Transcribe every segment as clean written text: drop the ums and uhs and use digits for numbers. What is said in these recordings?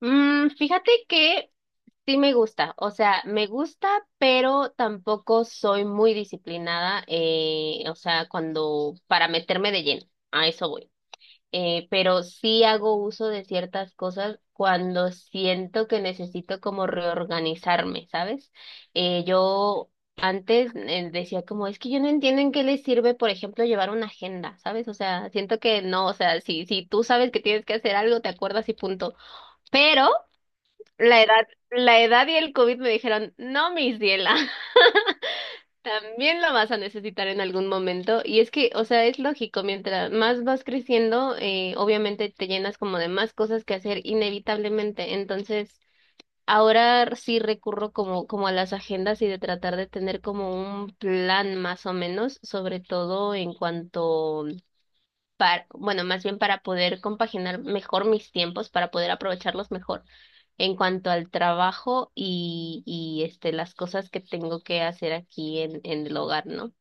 Fíjate que sí me gusta, o sea, me gusta, pero tampoco soy muy disciplinada, o sea, cuando para meterme de lleno, a eso voy. Pero sí hago uso de ciertas cosas cuando siento que necesito como reorganizarme, ¿sabes? Yo antes decía como, es que yo no entiendo en qué les sirve, por ejemplo, llevar una agenda, ¿sabes? O sea, siento que no, o sea, si tú sabes que tienes que hacer algo, te acuerdas y punto. Pero la edad, la edad y el COVID me dijeron, no, mis Diela, también lo vas a necesitar en algún momento. Y es que, o sea, es lógico, mientras más vas creciendo, obviamente te llenas como de más cosas que hacer inevitablemente. Entonces, ahora sí recurro como a las agendas y de tratar de tener como un plan más o menos, sobre todo en cuanto para, bueno, más bien para poder compaginar mejor mis tiempos, para poder aprovecharlos mejor en cuanto al trabajo y las cosas que tengo que hacer aquí en el hogar, ¿no?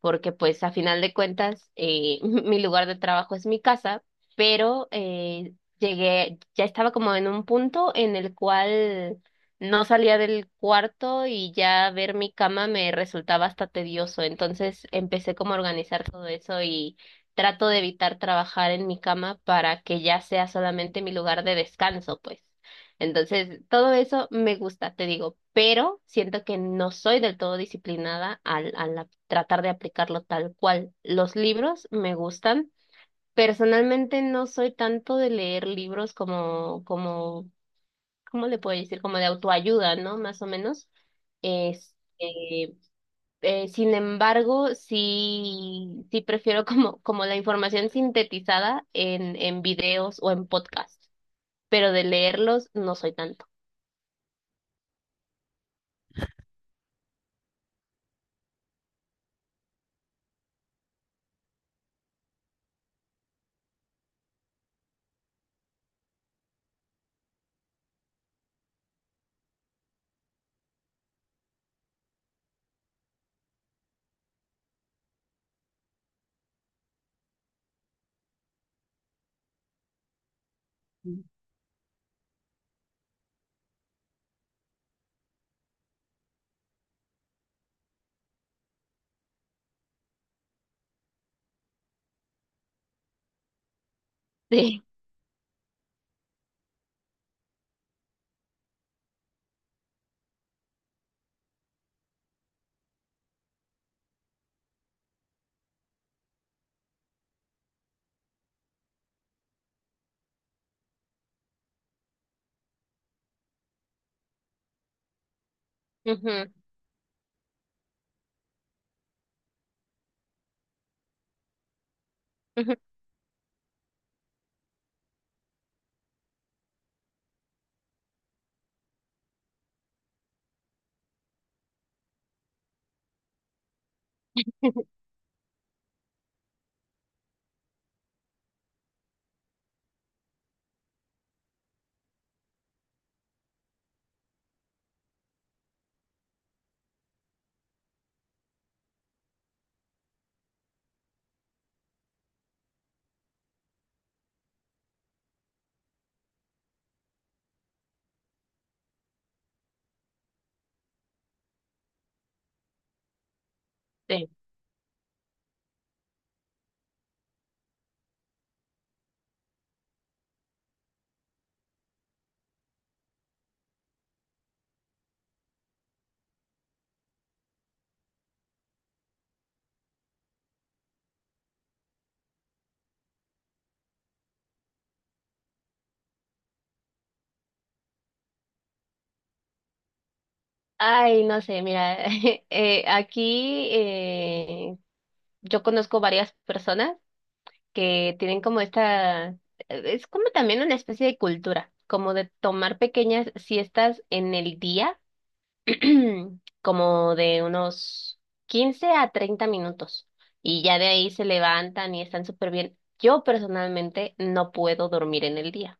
Porque pues a final de cuentas mi lugar de trabajo es mi casa, pero llegué, ya estaba como en un punto en el cual no salía del cuarto y ya ver mi cama me resultaba hasta tedioso, entonces empecé como a organizar todo eso y trato de evitar trabajar en mi cama para que ya sea solamente mi lugar de descanso, pues. Entonces, todo eso me gusta, te digo, pero siento que no soy del todo disciplinada al tratar de aplicarlo tal cual. Los libros me gustan. Personalmente no soy tanto de leer libros como, ¿cómo le puedo decir? Como de autoayuda, ¿no? Más o menos. Este, sin embargo, sí prefiero como la información sintetizada en videos o en podcasts, pero de leerlos no soy tanto. Ujú, ujú, sí. Ay, no sé, mira, aquí yo conozco varias personas que tienen como esta, es como también una especie de cultura, como de tomar pequeñas siestas en el día, como de unos 15 a 30 minutos, y ya de ahí se levantan y están súper bien. Yo personalmente no puedo dormir en el día,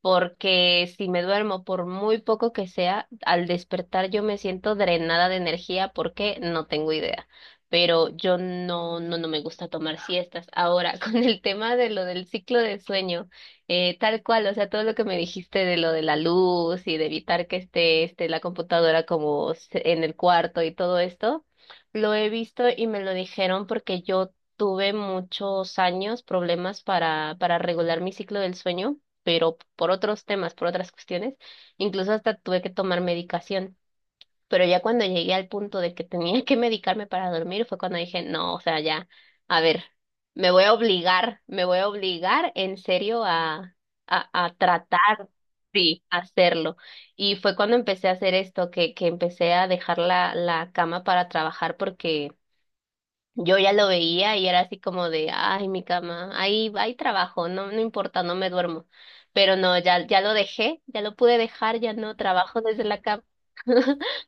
porque si me duermo por muy poco que sea, al despertar yo me siento drenada de energía porque no tengo idea. Pero yo no, no, no me gusta tomar siestas. Ahora, con el tema de lo del ciclo de sueño, tal cual, o sea, todo lo que me dijiste de lo de la luz y de evitar que esté la computadora en el cuarto y todo esto, lo he visto y me lo dijeron porque yo tuve muchos años problemas para regular mi ciclo del sueño, pero por otros temas, por otras cuestiones, incluso hasta tuve que tomar medicación. Pero ya cuando llegué al punto de que tenía que medicarme para dormir, fue cuando dije, no, o sea, ya, a ver, me voy a obligar, me voy a obligar en serio a tratar, sí, hacerlo. Y fue cuando empecé a hacer esto, que empecé a dejar la cama para trabajar porque yo ya lo veía y era así como de, ay, mi cama, ahí, ahí trabajo, no, no importa, no me duermo. Pero no, ya, ya lo dejé, ya lo pude dejar, ya no trabajo desde la cama.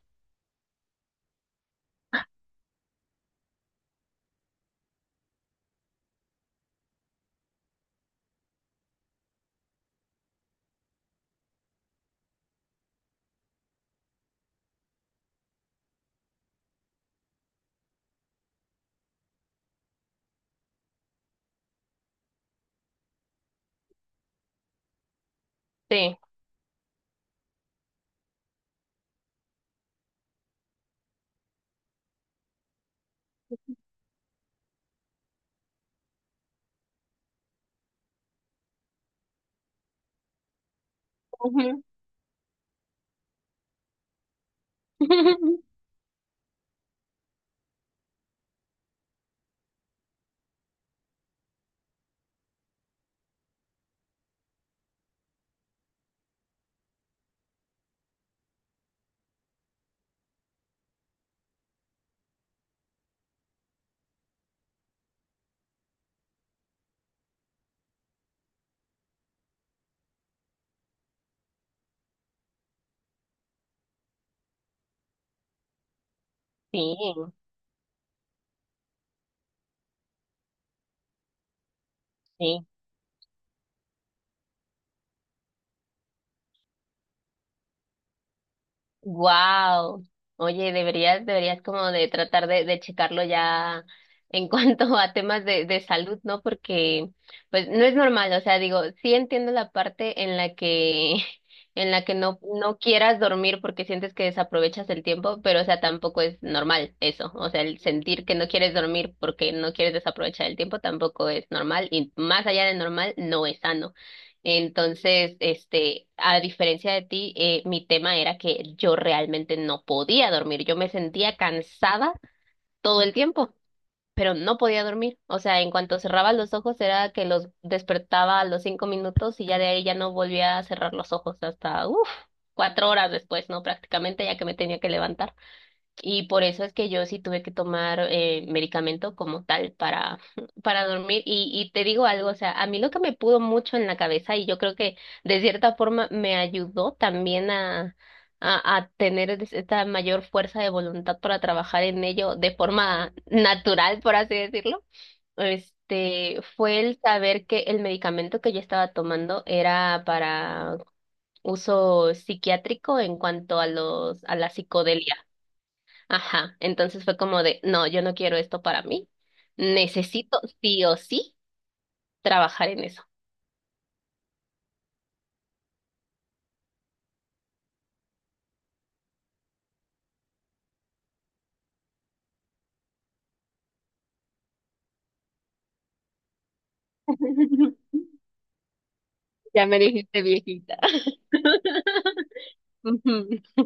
Sí. Ujú. Sí, sí. Wow. Oye, deberías, deberías como de tratar de checarlo ya en cuanto a temas de salud, ¿no? Porque pues no es normal, o sea, digo, sí entiendo la parte en la que en la que no quieras dormir porque sientes que desaprovechas el tiempo, pero o sea, tampoco es normal eso, o sea, el sentir que no quieres dormir porque no quieres desaprovechar el tiempo tampoco es normal y más allá de normal no es sano. Entonces, a diferencia de ti, mi tema era que yo realmente no podía dormir. Yo me sentía cansada todo el tiempo, pero no podía dormir. O sea, en cuanto cerraba los ojos era que los despertaba a los 5 minutos y ya de ahí ya no volvía a cerrar los ojos hasta, uff, 4 horas después, ¿no? Prácticamente ya que me tenía que levantar. Y por eso es que yo sí tuve que tomar medicamento como tal para, para dormir. Y te digo algo, o sea, a mí lo que me pudo mucho en la cabeza y yo creo que de cierta forma me ayudó también a tener esta mayor fuerza de voluntad para trabajar en ello de forma natural, por así decirlo. Este fue el saber que el medicamento que yo estaba tomando era para uso psiquiátrico en cuanto a los, a la psicodelia. Ajá, entonces fue como de, no, yo no quiero esto para mí, necesito sí o sí trabajar en eso. Ya me dijiste viejita.